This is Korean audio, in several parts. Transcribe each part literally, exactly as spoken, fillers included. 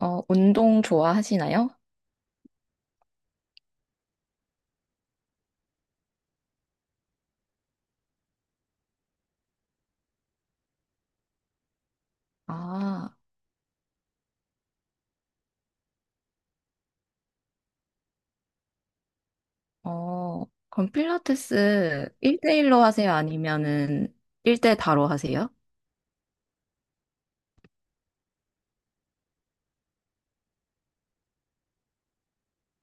어, 운동 좋아하시나요? 아, 어, 그럼 필라테스 일 대일로 하세요? 아니면은 일 대 다로 하세요?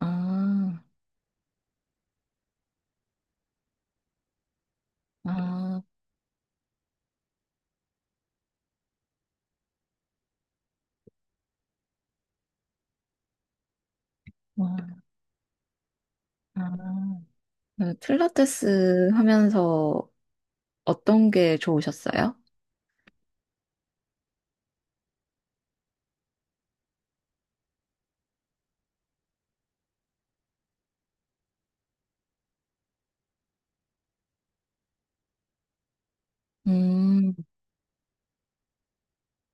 아, 아, 와, 아. 네, 필라테스 하면서 어떤 게 좋으셨어요? 음,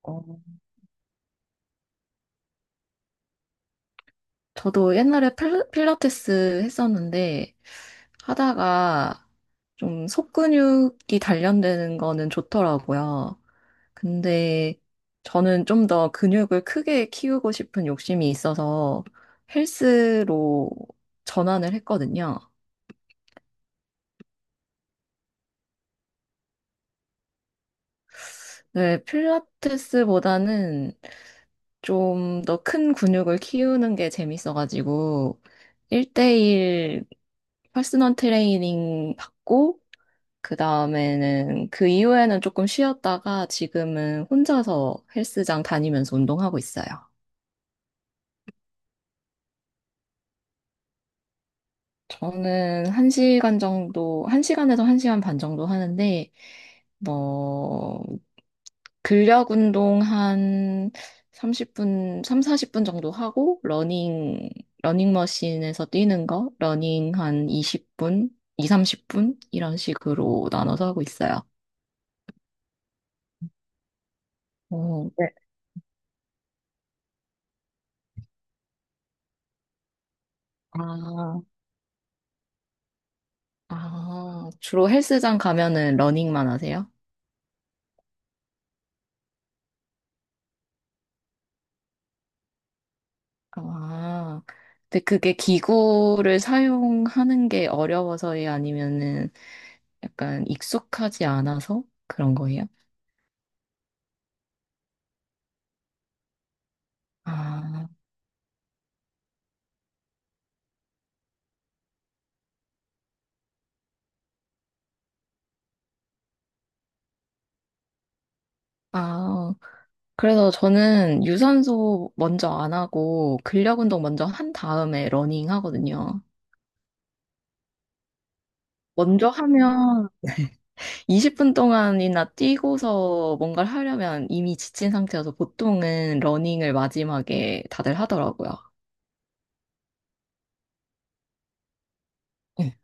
어, 저도 옛날에 필- 필라테스 했었는데 하다가 좀 속근육이 단련되는 거는 좋더라고요. 근데 저는 좀 더 근육을 크게 키우고 싶은 욕심이 있어서 헬스로 전환을 했거든요. 네, 필라테스보다는 좀 더 큰 근육을 키우는 게 재밌어가지고 일 대일 퍼스널 트레이닝 받고 그 다음에는 그 이후에는 조금 쉬었다가 지금은 혼자서 헬스장 다니면서 운동하고 있어요. 저는 한시간 정도, 한시간에서한시간반 정도 하는데, 뭐, 근력 운동 한 삼십 분, 삼, 사십 분 정도 하고, 러닝, 러닝머신에서 뛰는 거, 러닝 한 이십 분, 이, 삼십 분? 이런 식으로 나눠서 하고 있어요. 오, 네. 아, 아, 주로 헬스장 가면은 러닝만 하세요? 아, 근데 그게 기구를 사용하는 게 어려워서예요? 아니면은 약간 익숙하지 않아서 그런 거예요? 아, 아, 그래서 저는 유산소 먼저 안 하고 근력 운동 먼저 한 다음에 러닝 하거든요. 먼저 하면 이십 분 동안이나 뛰고서 뭔가를 하려면 이미 지친 상태여서 보통은 러닝을 마지막에 다들 하더라고요. 네.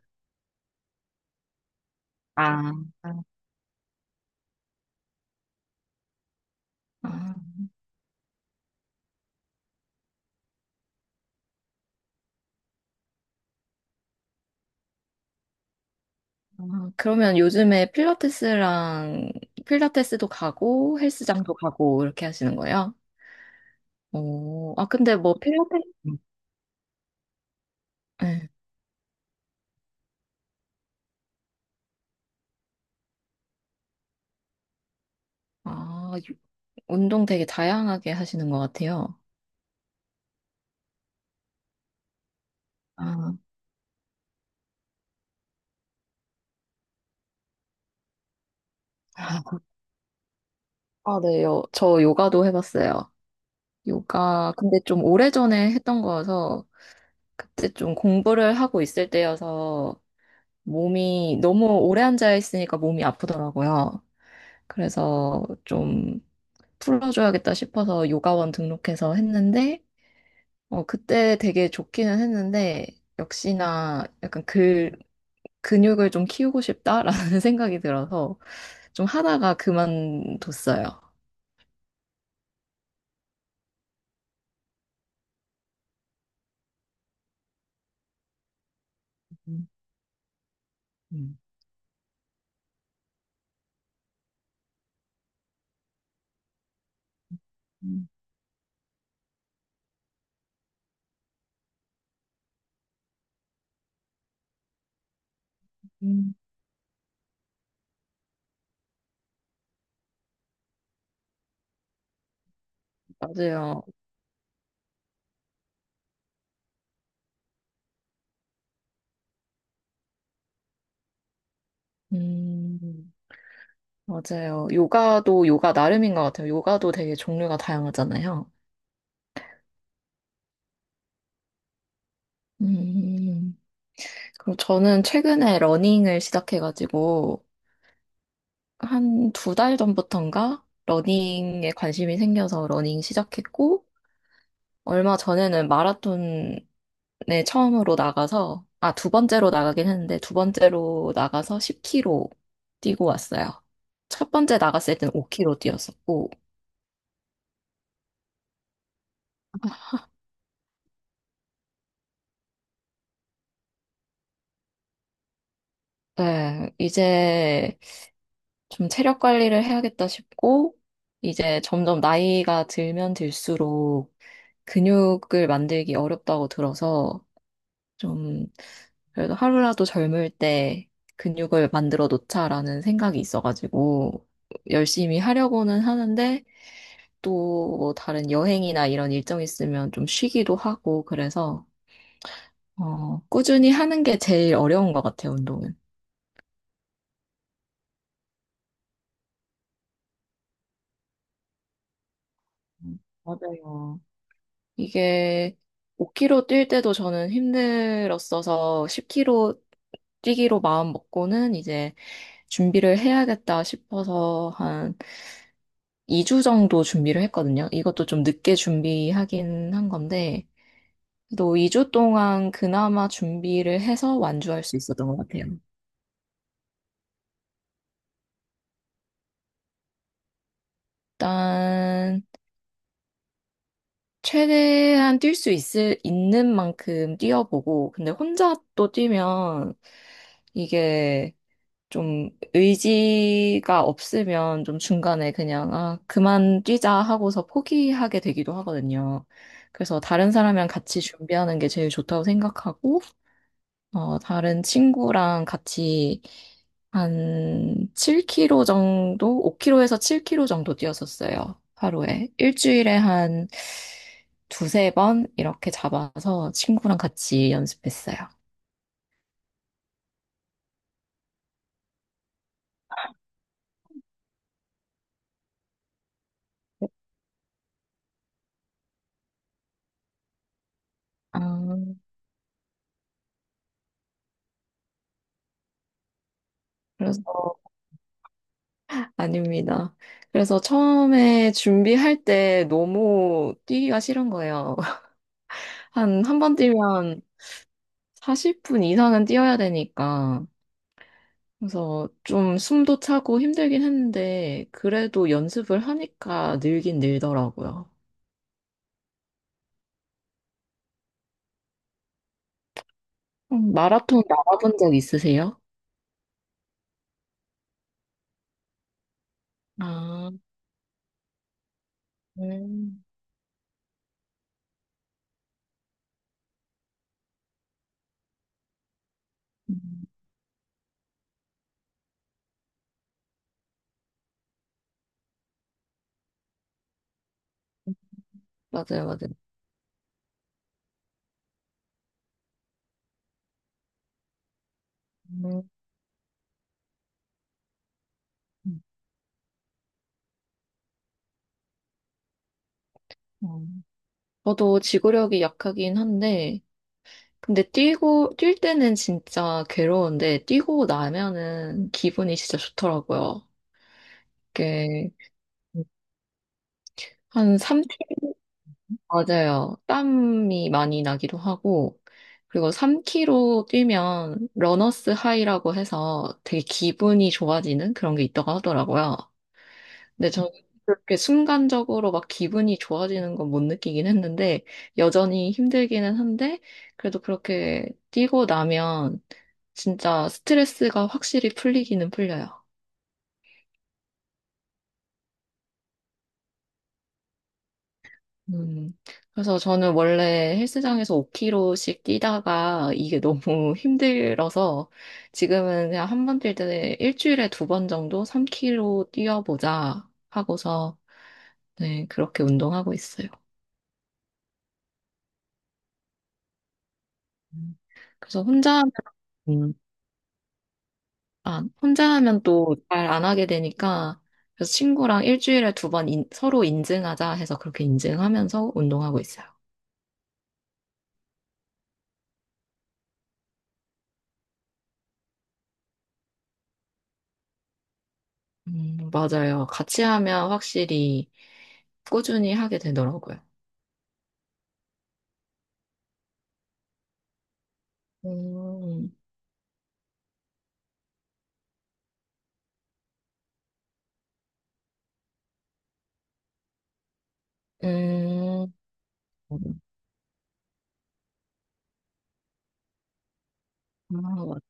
아, 아, 아, 그러면 요즘에 필라테스랑 필라테스도 가고 헬스장도 가고 이렇게 하시는 거예요? 오, 아, 근데 뭐 필라테스, 음. 네. 아, 유- 운동 되게 다양하게 하시는 것 같아요. 아, 아, 네. 요, 저 요가도 해봤어요. 요가, 근데 좀 오래전에 했던 거여서, 그때 좀 공부를 하고 있을 때여서, 몸이, 너무 오래 앉아 있으니까 몸이 아프더라고요. 그래서 좀 풀어줘야겠다 싶어서 요가원 등록해서 했는데, 어, 그때 되게 좋기는 했는데, 역시나 약간 그 근육을 좀 키우고 싶다라는 생각이 들어서 좀 하다가 그만뒀어요. 음, 음. 음, 음. 맞아요. 음, 맞아요. 요가도 요가 나름인 것 같아요. 요가도 되게 종류가 다양하잖아요. 음. 그리고 저는 최근에 러닝을 시작해가지고 한 두 달 전부턴가 러닝에 관심이 생겨서 러닝 시작했고 얼마 전에는 마라톤에 처음으로 나가서, 아, 두 번째로 나가긴 했는데, 두 번째로 나가서 십 킬로미터 뛰고 왔어요. 첫 번째 나갔을 때는 오 킬로미터 뛰었었고, 네, 이제 좀 체력 관리를 해야겠다 싶고, 이제 점점 나이가 들면 들수록 근육을 만들기 어렵다고 들어서, 좀, 그래도 하루라도 젊을 때 근육을 만들어 놓자라는 생각이 있어가지고, 열심히 하려고는 하는데, 또 뭐 다른 여행이나 이런 일정 있으면 좀 쉬기도 하고, 그래서, 어, 꾸준히 하는 게 제일 어려운 것 같아요, 운동은. 음, 맞아요. 이게 오 킬로미터 뛸 때도 저는 힘들었어서 십 킬로미터 뛰기로 마음 먹고는 이제 준비를 해야겠다 싶어서 한 이 주 정도 준비를 했거든요. 이것도 좀 늦게 준비하긴 한 건데, 그래도 이 주 동안 그나마 준비를 해서 완주할 수 있었던 것 같아요. 일단, 최대한 뛸 수 있을, 있는 만큼 뛰어보고, 근데 혼자 또 뛰면, 이게 좀 의지가 없으면 좀 중간에 그냥, 아, 그만 뛰자 하고서 포기하게 되기도 하거든요. 그래서 다른 사람이랑 같이 준비하는 게 제일 좋다고 생각하고, 어, 다른 친구랑 같이 한 칠 킬로미터 정도, 오 킬로미터에서 칠 킬로미터 정도 뛰었었어요. 하루에. 일주일에 한 두세 번 이렇게 잡아서 친구랑 같이 연습했어요. 아, 그래서, 아닙니다. 그래서 처음에 준비할 때 너무 뛰기가 싫은 거예요. 한, 한 번 뛰면 사십 분 이상은 뛰어야 되니까. 그래서 좀 숨도 차고 힘들긴 했는데, 그래도 연습을 하니까 늘긴 늘더라고요. 음, 마라톤 나가본 적 있으세요? 아, 음. 음, 맞아요, 맞아요. 음, 음. 음. 저도 지구력이 약하긴 한데, 근데 뛰고, 뛸 때는 진짜 괴로운데, 뛰고 나면은 기분이 진짜 좋더라고요. 이게 한 맞아요. 땀이 많이 나기도 하고, 그리고 삼 킬로미터 뛰면 러너스 하이라고 해서 되게 기분이 좋아지는 그런 게 있다고 하더라고요. 근데 저는 그렇게 순간적으로 막 기분이 좋아지는 건 못 느끼긴 했는데, 여전히 힘들기는 한데, 그래도 그렇게 뛰고 나면 진짜 스트레스가 확실히 풀리기는 풀려요. 음, 그래서 저는 원래 헬스장에서 오 킬로그램씩 뛰다가 이게 너무 힘들어서 지금은 그냥 한 번 뛸 때 일주일에 두 번 정도 삼 킬로그램 뛰어보자 하고서 네, 그렇게 운동하고 있어요. 음. 그래서 혼자 하면, 음, 아, 혼자 하면 또 잘 안 하게 되니까 그래서 친구랑 일주일에 두 번 서로 인증하자 해서 그렇게 인증하면서 운동하고 있어요. 음, 맞아요. 같이 하면 확실히 꾸준히 하게 되더라고요. 음, 음, 아, 맞-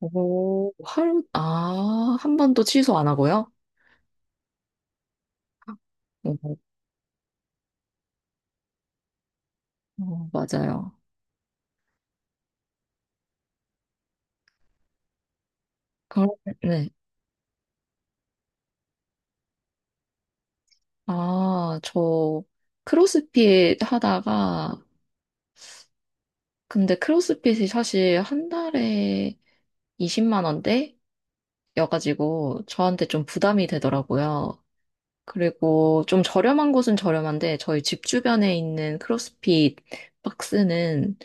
오, 하루, 아, 한 번도 취소 안 하고요? 오, 어, 맞아요. 그럼, 네. 아, 저 크로스핏 하다가, 근데 크로스핏이 사실 한 달에 이십만 원대여가지고 저한테 좀 부담이 되더라고요. 그리고 좀 저렴한 곳은 저렴한데 저희 집 주변에 있는 크로스핏 박스는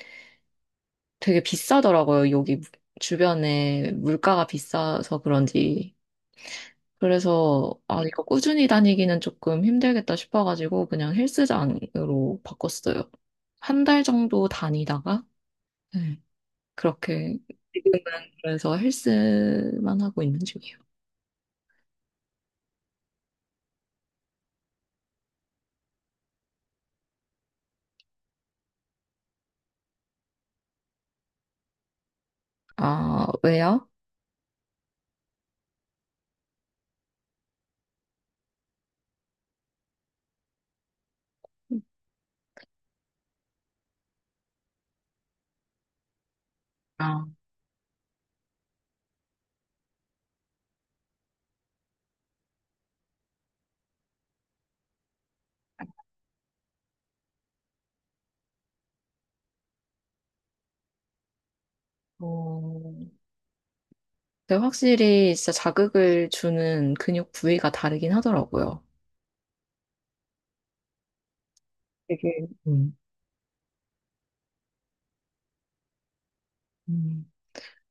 되게 비싸더라고요. 여기 주변에 물가가 비싸서 그런지. 그래서 아, 이거 꾸준히 다니기는 조금 힘들겠다 싶어가지고 그냥 헬스장으로 바꿨어요. 한 달 정도 다니다가 네, 그렇게 지금은 그래서 헬스만 하고 있는 중이에요. 아, 왜요? 아, 어, 근데 확실히 진짜 자극을 주는 근육 부위가 다르긴 하더라고요. 되게, 음, 음,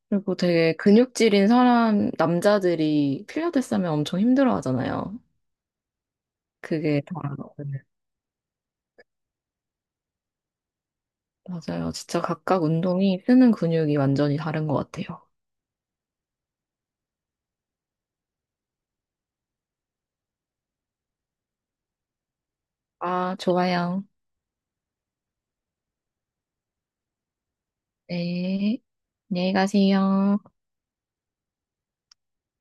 그리고 되게 근육질인 사람, 남자들이 필라테스 하면 엄청 힘들어 하잖아요. 그게 다, 맞 맞아요. 진짜 각각 운동이 쓰는 근육이 완전히 다른 것 같아요. 아, 좋아요. 네. 안녕히 가세요.